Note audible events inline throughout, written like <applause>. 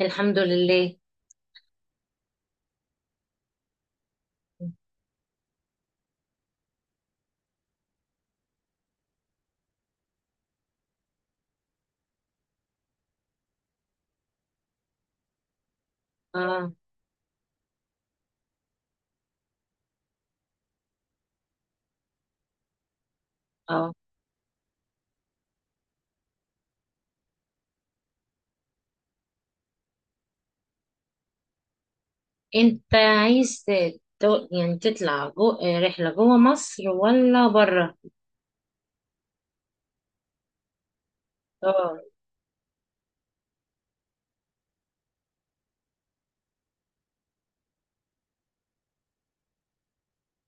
الحمد لله. اه. اه. انت عايز يعني تطلع رحلة جوه مصر ولا بره؟ اه.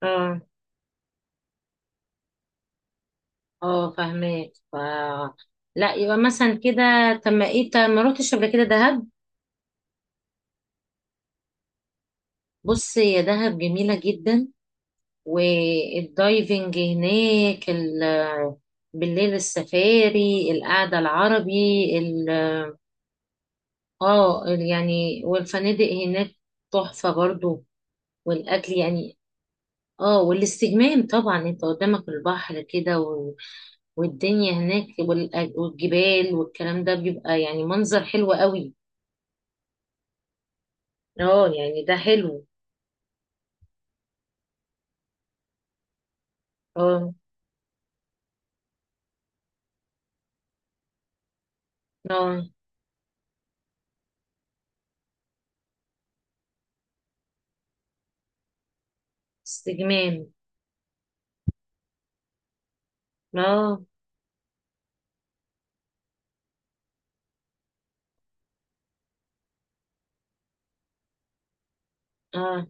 اه. اه فاهمك. لا، يبقى مثلا كده. طب ما ايه طب ما روحتش قبل كده دهب؟ بص يا دهب، جميلة جدا. والدايفنج هناك بالليل، السفاري، القعدة العربي. ال... اه يعني، والفنادق هناك تحفة برضو. والأكل يعني، اه، والاستجمام طبعا. انت قدامك البحر كده والدنيا هناك والجبال والكلام ده بيبقى يعني منظر حلو قوي. اه يعني، ده حلو. اه. اه. استجمام. اه. اه.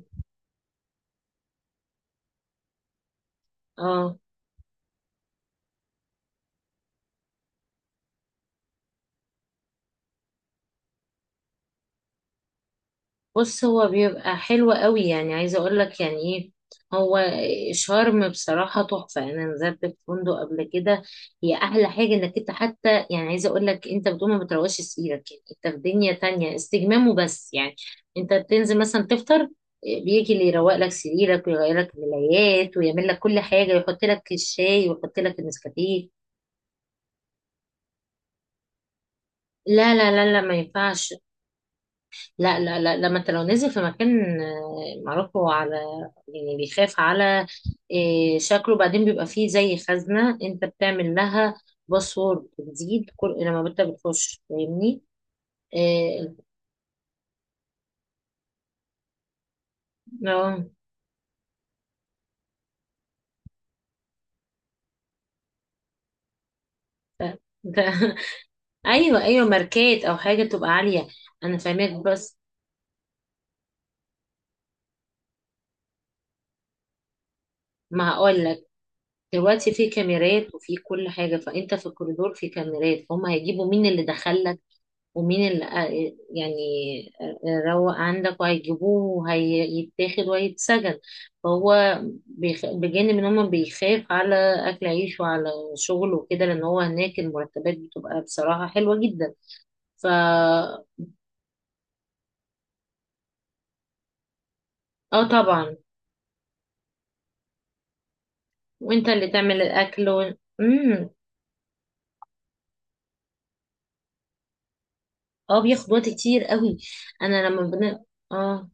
اه. بص، هو بيبقى حلو قوي، يعني عايزه اقول لك يعني ايه. هو شرم بصراحه تحفه، انا نزلت في فندق قبل كده. هي احلى حاجه انك انت حتى، يعني عايزه اقول لك، انت بتقوم ما بتروقش سريرك، يعني انت في دنيا تانية، استجمام وبس يعني. انت بتنزل مثلا تفطر، بيجي اللي يروق لك سريرك ويغير لك الملايات ويعمل لك كل حاجه، يحط لك الشاي ويحط لك النسكافيه. لا لا لا لا، ما ينفعش. لا لا لا، لما انت لو نزل في مكان معروف، هو على يعني بيخاف على شكله بعدين. بيبقى فيه زي خزنة انت بتعمل لها باسورد جديد كل لما انت بتخش، فاهمني؟ آه، آه، انت <laughs> ايوه ايوه، ماركات او حاجة تبقى عالية. انا فاهمك بس. ما هقول لك، دلوقتي في كاميرات وفي كل حاجة، فانت في الكوريدور في كاميرات، فهم هيجيبوا مين اللي دخل ومين اللي يعني، روق عندك، وهيجيبوه وهيتاخد وهيتسجن. فهو بجانب ان هم بيخاف على اكل عيش وعلى شغله وكده، لان هو هناك المرتبات بتبقى بصراحة حلوة جدا. ف اه طبعا. وانت اللي تعمل الاكل مم. اه، بياخد وقت كتير قوي. انا لما بن... اه،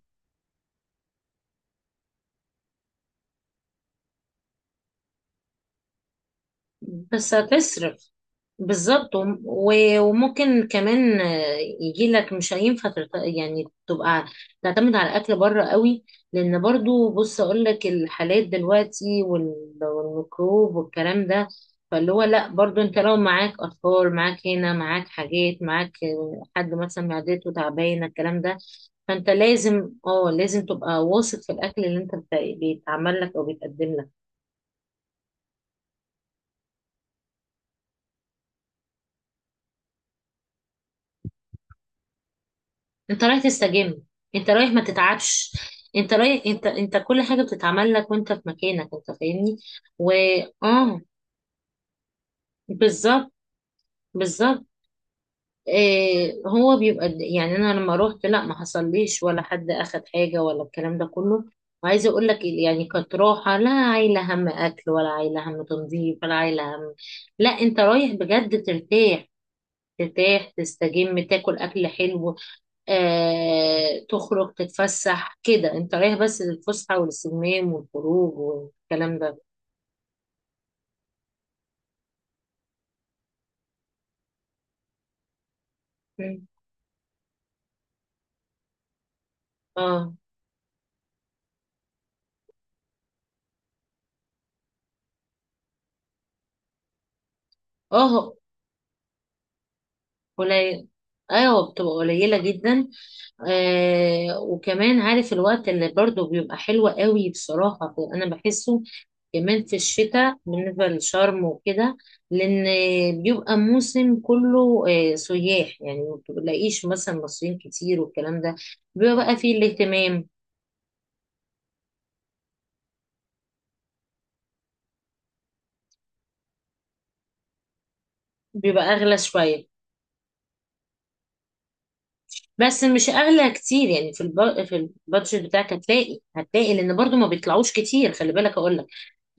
بس هتصرف. بالظبط، وممكن كمان يجي لك، مش هينفع يعني تبقى تعتمد على الاكل بره قوي. لان برضو بص اقول لك، الحالات دلوقتي والميكروب والكلام ده، فاللي هو لا، برضو انت لو معاك اطفال، معاك هنا، معاك حاجات، معاك حد مثلا معدته تعبانه، الكلام ده. فانت لازم لازم تبقى واثق في الاكل اللي انت بيتعمل لك او بيتقدم لك. انت رايح تستجم، انت رايح ما تتعبش. انت رايح، انت كل حاجه بتتعمل لك وانت في مكانك، انت فاهمني. و اه بالظبط. بالظبط. إيه، هو بيبقى يعني انا لما روحت، لا ما حصليش ولا حد اخد حاجه ولا الكلام ده كله. وعايزه اقول لك يعني كانت راحه، لا عايله هم اكل ولا عايله هم تنظيف ولا عايله هم. لا، انت رايح بجد ترتاح، ترتاح، تستجم، تاكل اكل حلو. تخرج، تتفسح كده. انت رايح بس للفسحة والاستجمام والخروج والكلام ده. مم. اه. اه. قليل. ايوه، بتبقى قليلة جدا. وكمان عارف الوقت اللي برضو بيبقى حلو قوي بصراحة، انا بحسه كمان في الشتاء بالنسبة للشرم وكده، لأن بيبقى موسم كله سياح، يعني ما بتلاقيش مثلا مصريين كتير والكلام ده. بيبقى بقى فيه الاهتمام. بيبقى أغلى شوية، بس مش اغلى كتير. يعني في في البادجت بتاعك هتلاقي هتلاقي، لان برضو ما بيطلعوش كتير، خلي بالك اقول لك.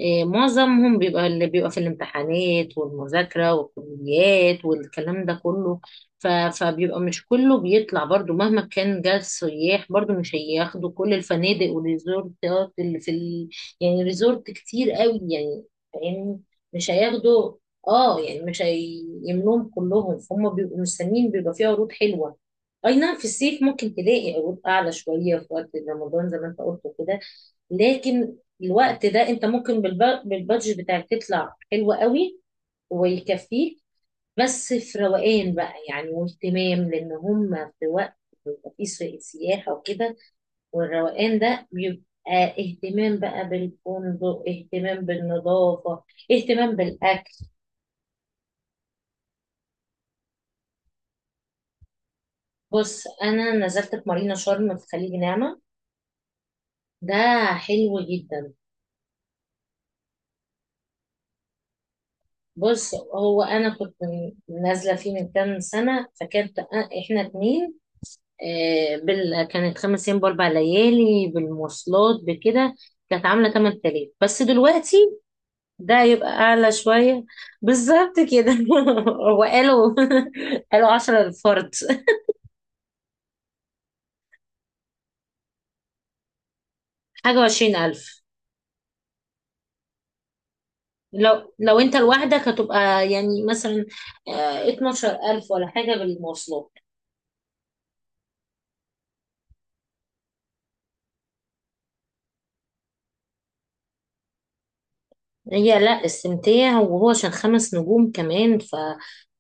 إيه، معظمهم بيبقى، اللي بيبقى في الامتحانات والمذاكرة والكليات والكلام ده كله. فبيبقى مش كله بيطلع، برضو مهما كان جه السياح، برضو مش هياخدوا كل الفنادق والريزورتات اللي في يعني ريزورت كتير قوي يعني، فاهمني. مش هياخدوا. اه، يعني مش هيملوهم كلهم، فهم بيبقوا مستنيين، بيبقى فيه عروض حلوة. اي نعم، في الصيف ممكن تلاقي عروض اعلى شوية في وقت رمضان زي ما انت قلت كده. لكن الوقت ده انت ممكن بالبادجت بتاعك تطلع حلوة قوي ويكفيك، بس في روقان بقى يعني واهتمام، لان هم في وقت بيبقى فيه سياحة وكده. والروقان ده بيبقى اهتمام بقى بالفندق، اهتمام بالنظافة، اهتمام بالأكل. بص، أنا نزلت في مارينا شرم في خليج نعمة. ده حلو جدا. بص، هو أنا كنت نازلة فيه من كام سنة، إحنا 2. كانت 5 ايام باربع ليالي بالمواصلات بكده، كانت عامله 8000. بس دلوقتي ده يبقى اعلى شويه، بالظبط كده. <laughs> وقالوا <laughs> قالوا 10 الفرد، حاجه و20 ألف. لو انت لوحدك، هتبقى يعني مثلا 12000 ولا حاجه بالمواصلات. هي لا السمتية، وهو عشان 5 نجوم كمان.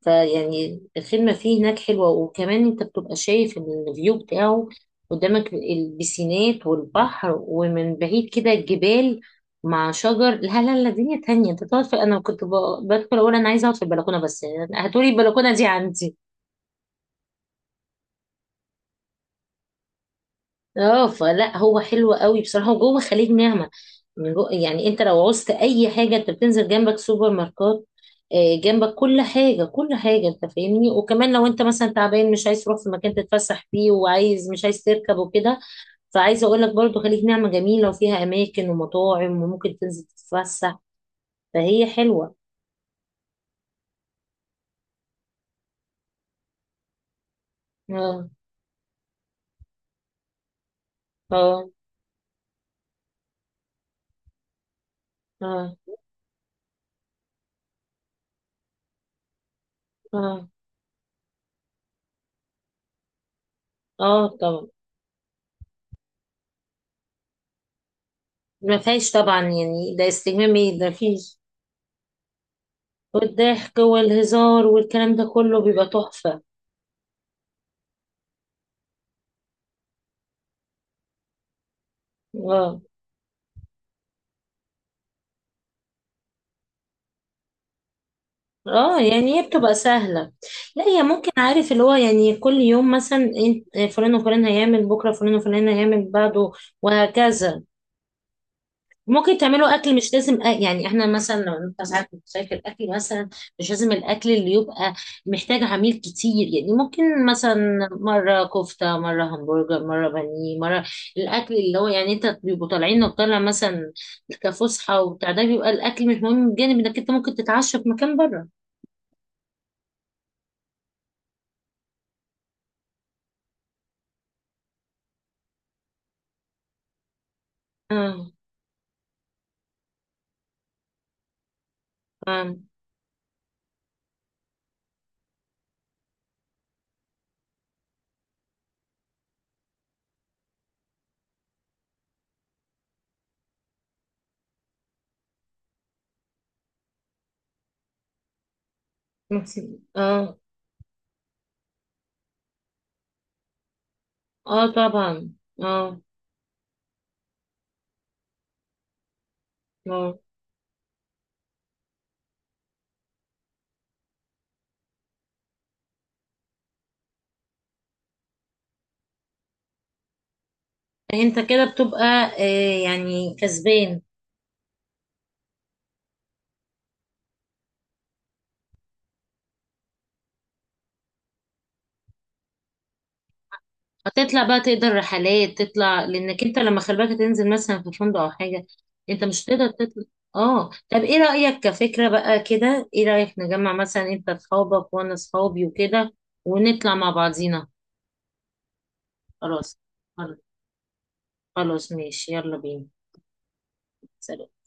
فيعني الخدمة فيه هناك حلوة، وكمان انت بتبقى شايف الفيو بتاعه، قدامك البسينات والبحر ومن بعيد كده الجبال مع شجر. لا لا لا، دنيا تانية. انت تقعد في، انا كنت بدخل اقول، انا عايزة اقعد في البلكونة بس، يعني هاتولي البلكونة دي عندي. اه، فلا، هو حلو قوي بصراحه، هو جوه خليج نعمه. من جوه يعني انت لو عوزت اي حاجه، انت بتنزل جنبك سوبر ماركت، جنبك كل حاجه، كل حاجه، انت فاهمني. وكمان لو انت مثلا تعبان مش عايز تروح في مكان تتفسح فيه، وعايز مش عايز تركب وكده، فعايزه اقول لك برضو، خليج نعمه جميله وفيها اماكن ومطاعم وممكن تنزل تتفسح، فهي حلوه. اه. اه. اه. اه. اه طبعا. ما فيهاش طبعا، يعني ده استجمام، ايه ده؟ فيش. والضحك والهزار والكلام ده كله بيبقى تحفة. اه. اه يعني، هي بتبقى سهلة. لا، هي ممكن عارف اللي هو، يعني كل يوم مثلا فلان وفلان هيعمل، بكرة فلان وفلان هيعمل بعده، وهكذا. ممكن تعملوا اكل مش لازم يعني احنا مثلا لو انت ساعات بتشارك الاكل مثلا، مش لازم الاكل اللي يبقى محتاج عميل كتير. يعني ممكن مثلا مره كفته، مره همبرجر، مره بانيه، مره الاكل اللي هو يعني، انت بيبقوا طالعين، لو طالع مثلا كفسحه وبتاع ده، بيبقى الاكل مش مهم، بجانب انك انت ممكن تتعشى في مكان بره. اه. اه. اه. اه طبعا. اه. اه. انت كده بتبقى يعني كسبان. هتطلع بقى، تقدر رحلات تطلع، لانك انت لما خلي بالك تنزل مثلا في فندق او حاجه، انت مش هتقدر تطلع. اه، طب ايه رايك كفكره بقى كده؟ ايه رايك نجمع مثلا انت اصحابك وانا اصحابي وكده، ونطلع مع بعضينا. خلاص. خلاص. خلاص، ماشي يلا بينا. سلام.